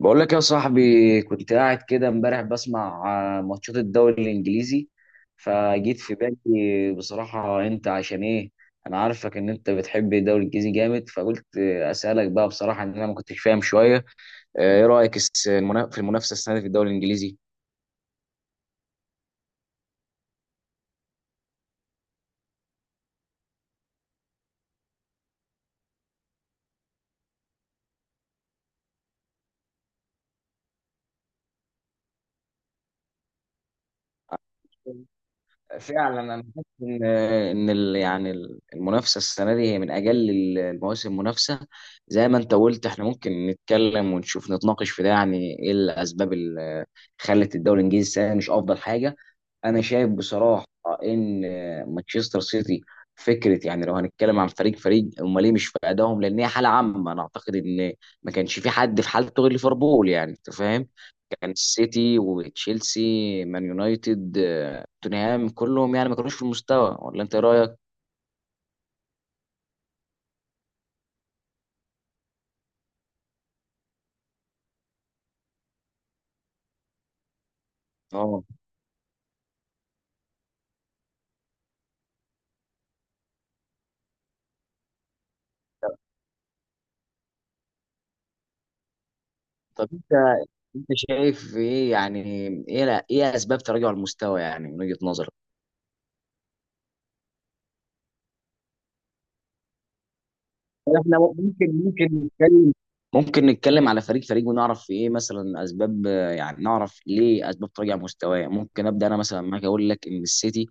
بقول لك يا صاحبي، كنت قاعد كده امبارح بسمع ماتشات الدوري الانجليزي. فجيت في بالي بصراحة انت عشان ايه. انا عارفك ان انت بتحب الدوري الانجليزي جامد، فقلت اسالك بقى بصراحة ان انا ما كنتش فاهم شوية. ايه رأيك في المنافسة السنة دي في الدوري الانجليزي؟ فعلا انا حاسس ان المنافسه السنه دي هي من اجل المواسم منافسه. زي ما انت قلت احنا ممكن نتكلم ونشوف نتناقش في ده، يعني ايه الاسباب اللي خلت الدوري الانجليزي السنه دي مش افضل حاجه. انا شايف بصراحه ان مانشستر سيتي فكره، يعني لو هنتكلم عن فريق امال ليه مش في ادائهم، لان هي حاله عامه. انا اعتقد ان ما كانش في حد في حالته غير ليفربول، يعني انت فاهم. كان السيتي وتشيلسي مان يونايتد توتنهام كلهم يعني ما كانوش في المستوى، ولا انت إيه رايك؟ اه طب انت، انت شايف ايه يعني، ايه لا ايه اسباب تراجع المستوى يعني من وجهة نظرك؟ يعني احنا ممكن، نتكلم على فريق ونعرف ايه مثلا اسباب، يعني نعرف ليه اسباب تراجع مستواه. ممكن ابدا انا مثلا معاك، اقول لك ان السيتي،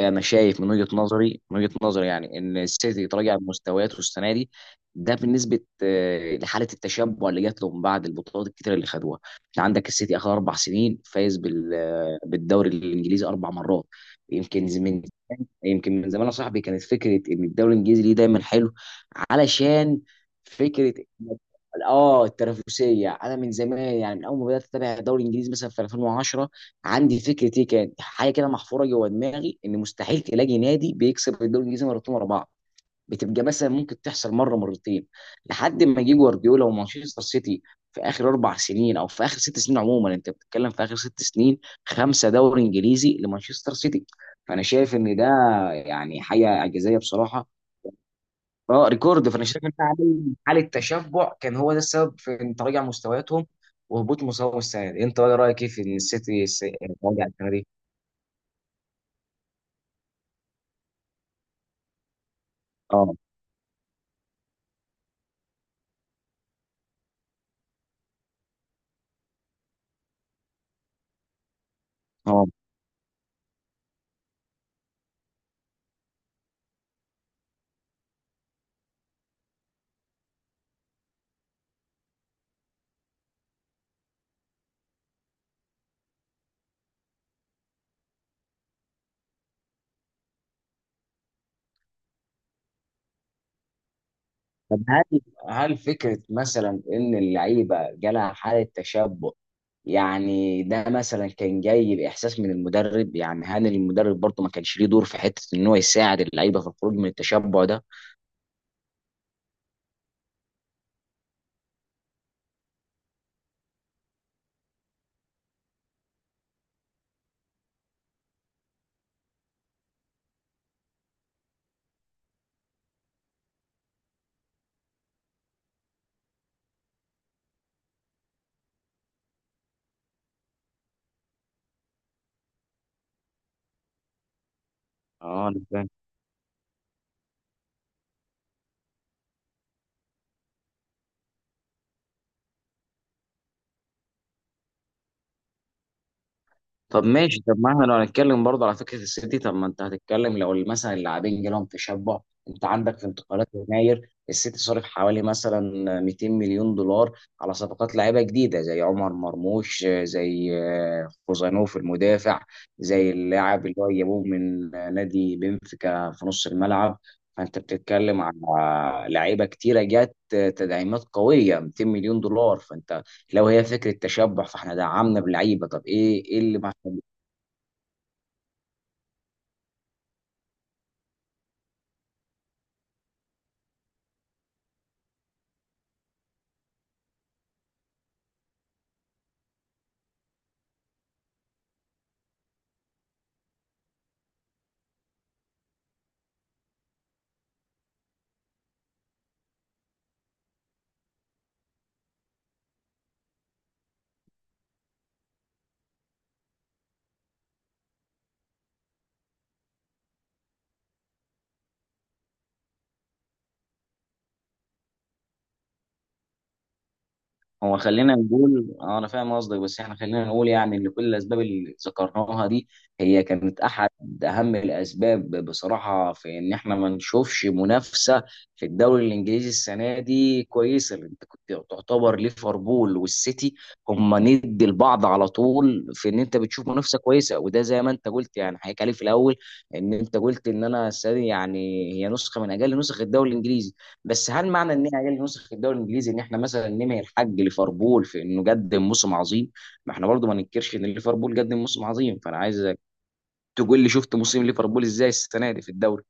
انا شايف من وجهة نظري يعني ان السيتي تراجع مستوياته السنه دي. ده بالنسبه لحاله التشبع اللي جات له من بعد البطولات الكتيره اللي خدوها. انت عندك السيتي اخر اربع سنين فايز بالدوري الانجليزي اربع مرات. يمكن من يمكن من زمان يا صاحبي، كانت فكره ان الدوري الانجليزي ليه دايما حلو علشان فكره إن- اه التنافسيه. انا من زمان يعني من اول ما بدات اتابع الدوري الانجليزي مثلا في 2010، عندي فكره، ايه كانت حاجه كده محفوره جوه دماغي، ان مستحيل تلاقي نادي بيكسب الدوري الانجليزي مرتين ورا بعض. بتبقى مثلا ممكن تحصل مره مرتين، لحد ما يجي جوارديولا ومانشستر سيتي. في اخر اربع سنين او في اخر ست سنين عموما، انت بتتكلم في اخر ست سنين خمسه دوري انجليزي لمانشستر سيتي. فانا شايف ان ده يعني حاجه اعجازيه بصراحه. اه ريكورد. فانا شايف ان ده عامل حاله تشبع، كان هو ده السبب في ان تراجع مستوياتهم وهبوط مستواهم السنه دي. انت إيه رايك ايه في ان السيتي راجع السنه دي؟ اه اه طب هل، هل فكره مثلا ان اللعيبه جالها حاله تشبع، يعني ده مثلا كان جاي باحساس من المدرب، يعني هاني المدرب برضه ما كانش ليه دور في حته ان هو يساعد اللعيبه في الخروج من التشبع ده؟ اه طب ماشي، طب ما احنا لو هنتكلم برضه على فكره السيتي، طب ما انت هتتكلم لو مثلا اللاعبين جالهم تشبع. انت عندك في انتقالات يناير السيتي صرف حوالي مثلا 200 مليون دولار على صفقات لاعيبه جديده، زي عمر مرموش، زي خوزانوف المدافع، زي اللاعب اللي هو جابوه من نادي بنفيكا في نص الملعب. فانت بتتكلم على لعيبه كتيره جت، تدعيمات قويه 200 مليون دولار. فانت لو هي فكره تشبع فاحنا دعمنا بلعيبه، طب ايه اللي هو. خلينا نقول انا فاهم قصدك، بس احنا خلينا نقول يعني ان كل الاسباب اللي ذكرناها دي هي كانت احد اهم الاسباب بصراحه، في ان احنا ما نشوفش منافسه في الدوري الانجليزي السنه دي كويسه. لأن انت كنت تعتبر ليفربول والسيتي هم ند لبعض على طول، في ان انت بتشوف منافسه كويسه. وده زي ما انت قلت يعني حكيت عليه في الاول، ان انت قلت ان انا السنه دي يعني هي نسخه من اجل نسخ الدوري الانجليزي. بس هل معنى ان هي نسخ الدوري الانجليزي ان احنا مثلا نمي الحق ليفربول في انه قدم موسم عظيم؟ ما احنا برضو ما ننكرش ان ليفربول قدم موسم عظيم. فانا عايزك تقول لي شفت موسم ليفربول ازاي السنه دي في الدوري.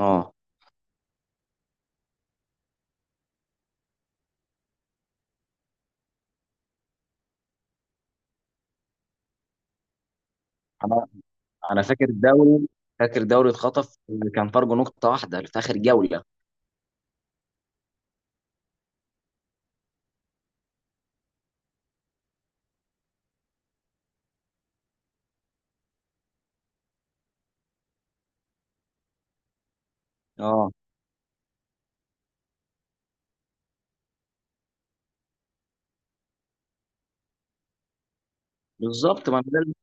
اه انا، انا فاكر الدوري فاكر دوري اتخطف، كان فرق نقطه واحده في اخر جوله. اه بالظبط، ما أنا ده اللي.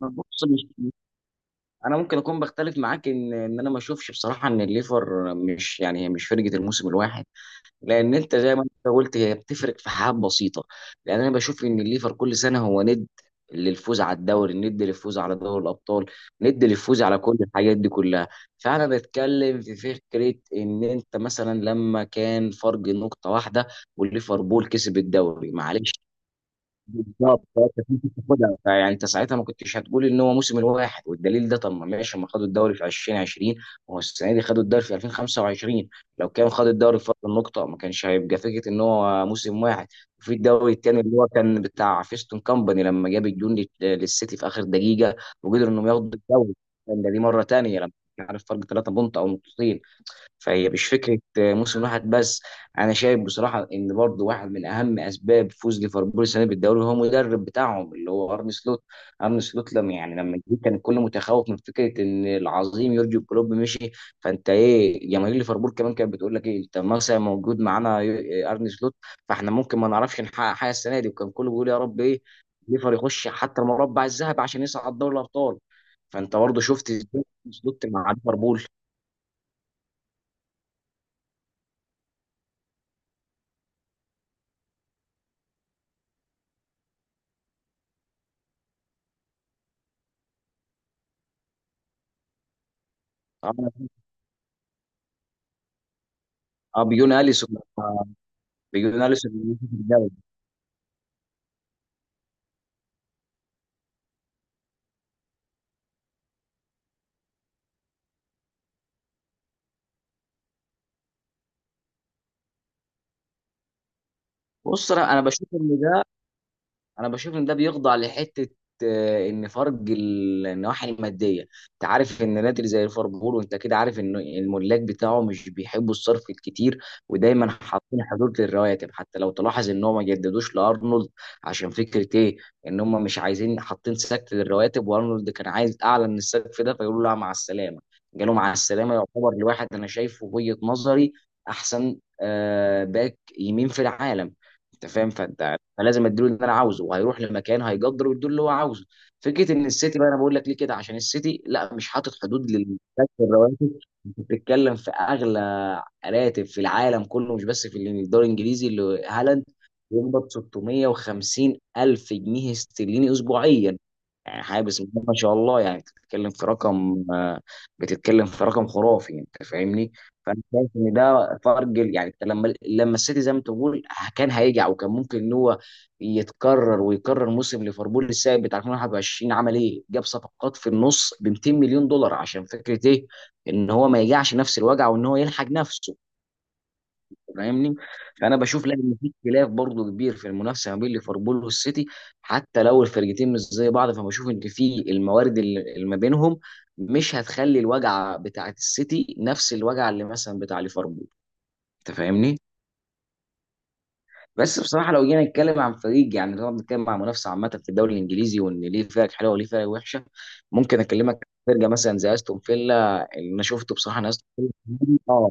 ما بص مش انا ممكن اكون بختلف معاك، ان انا ما اشوفش بصراحه ان الليفر مش، يعني هي مش فرقه الموسم الواحد. لان انت زي ما انت قلت هي بتفرق في حاجات بسيطه. لان انا بشوف ان الليفر كل سنه هو ند للفوز على الدوري، ند للفوز على دوري الابطال، ند للفوز على كل الحاجات دي كلها. فانا بتكلم في فكره ان انت مثلا لما كان فرق نقطه واحده والليفربول كسب الدوري معلش. بالظبط، فانت كنت بتاخدها، فيعني انت ساعتها ما كنتش هتقول ان هو موسم الواحد. والدليل ده، طب ما ماشي، ما خدوا الدوري في 2020، وهو السنه دي خدوا الدوري في 2025. لو كان خد الدوري في فرق النقطه ما كانش هيبقى فكره ان هو موسم واحد. وفي الدوري الثاني اللي هو كان بتاع فيستون كامباني لما جاب الجون للسيتي في اخر دقيقه وقدروا انهم ياخدوا الدوري، كان ده دي مره ثانيه، لما كان عارف فرق ثلاثه بونت او نقطتين. فهي مش فكره موسم واحد بس. انا شايف بصراحه ان برضو واحد من اهم اسباب فوز ليفربول السنه دي بالدوري هو المدرب بتاعهم اللي هو ارن سلوت. ارن سلوت لما، يعني لما جه، كان الكل متخوف من فكره ان العظيم يورجن كلوب مشي. فانت ايه، جماهير ليفربول كمان كانت بتقول لك ايه، انت مثلا موجود معانا ارن سلوت، فاحنا ممكن ما نعرفش نحقق حاجه السنه دي. وكان كله بيقول يا رب ايه ليفر يخش حتى المربع الذهبي عشان يصعد دوري الابطال. فانت برضه شفت ازاي أرن سلوت مع ليفربول. آه. اه بيجون اليسون، آه، بيجون اليسون بيجون في الجبل. بص انا، انا بشوف ان ده بيخضع لحته، ان فرق النواحي الماديه. انت عارف ان نادي زي ليفربول، وانت كده عارف ان الملاك بتاعه مش بيحبوا الصرف الكتير، ودايما حاطين حدود للرواتب. حتى لو تلاحظ ان هم ما جددوش لارنولد، عشان فكره ايه، ان هم مش عايزين، حاطين سقف للرواتب، وارنولد كان عايز اعلى من السقف ده، فيقولوا له لا مع السلامه. قالوا مع السلامه يعتبر لواحد انا شايفه وجهه نظري احسن باك يمين في العالم. انت فاهم؟ فانت فلازم اديله اللي انا عاوزه، وهيروح لمكان هيقدر ويديله اللي هو عاوزه. فكره ان السيتي بقى، انا بقول لك ليه كده، عشان السيتي لا مش حاطط حدود للكاش الرواتب. انت بتتكلم في اغلى راتب في العالم كله، مش بس في الدوري الانجليزي، اللي هالاند بيقبض 650 الف جنيه استرليني اسبوعيا. يعني حاجه بسم الله ما شاء الله. يعني بتتكلم في رقم، بتتكلم في رقم خرافي. انت فاهمني؟ فانا شايف ان ده فرق يعني. لما السيتي زي ما تقول كان هيجي، او كان ممكن ان هو يتكرر ويكرر موسم ليفربول السابق بتاع 2021، عمل ايه؟ جاب صفقات في النص ب 200 مليون دولار عشان فكره ايه؟ ان هو ما يجعش نفس الوجع وان هو يلحق نفسه. فاهمني؟ فانا بشوف لا، ان في اختلاف برضه كبير في المنافسه ما بين ليفربول والسيتي، حتى لو الفرقتين مش زي بعض. فبشوف ان في الموارد اللي ما بينهم مش هتخلي الوجع بتاعت السيتي نفس الوجع اللي مثلا بتاع ليفربول. انت فاهمني؟ بس بصراحه لو جينا نتكلم عن فريق يعني، لو نتكلم عن منافسه عامه في الدوري الانجليزي وان ليه فرق حلوه وليه فرق وحشه، ممكن اكلمك عن فرقه مثلا زي استون فيلا اللي انا شفته بصراحه، انا استون فيلا. اه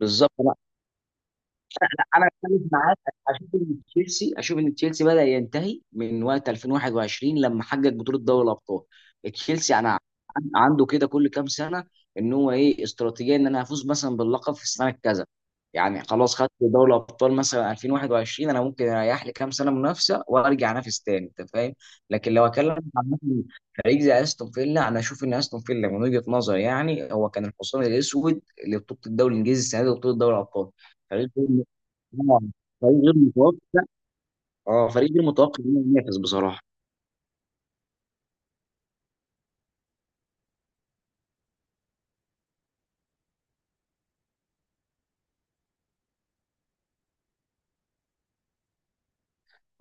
بالظبط. انا اختلف معاك، اشوف ان تشيلسي، بدا ينتهي من وقت 2021 لما حقق بطوله دوري الابطال. تشيلسي انا عنده كده كل كام سنه ان هو ايه استراتيجيه، ان انا هفوز مثلا باللقب في السنه كذا. يعني خلاص خدت دوري الابطال مثلا 2021، انا ممكن اريح لي كام سنه منافسه وارجع انافس تاني، انت فاهم. لكن لو اكلم عن مثلاً فريق زي استون فيلا، انا اشوف ان استون فيلا من وجهه نظري يعني هو كان الحصان الاسود لبطوله الدوري الانجليزي السنه دي وبطوله دوري الابطال. فريق آه، فريق غير متوقع. اه فريق غير متوقع انه ينافس بصراحه.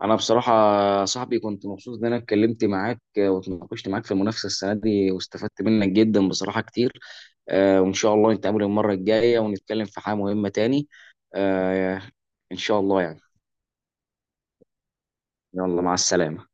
انا بصراحه يا صاحبي كنت مبسوط ان انا اتكلمت معاك، واتناقشت معاك في المنافسه السنه دي واستفدت منك جدا بصراحه كتير. وان شاء الله نتقابل المره الجايه ونتكلم في حاجه مهمه تاني. آه، ان شاء الله يعني. يلا مع السلامه.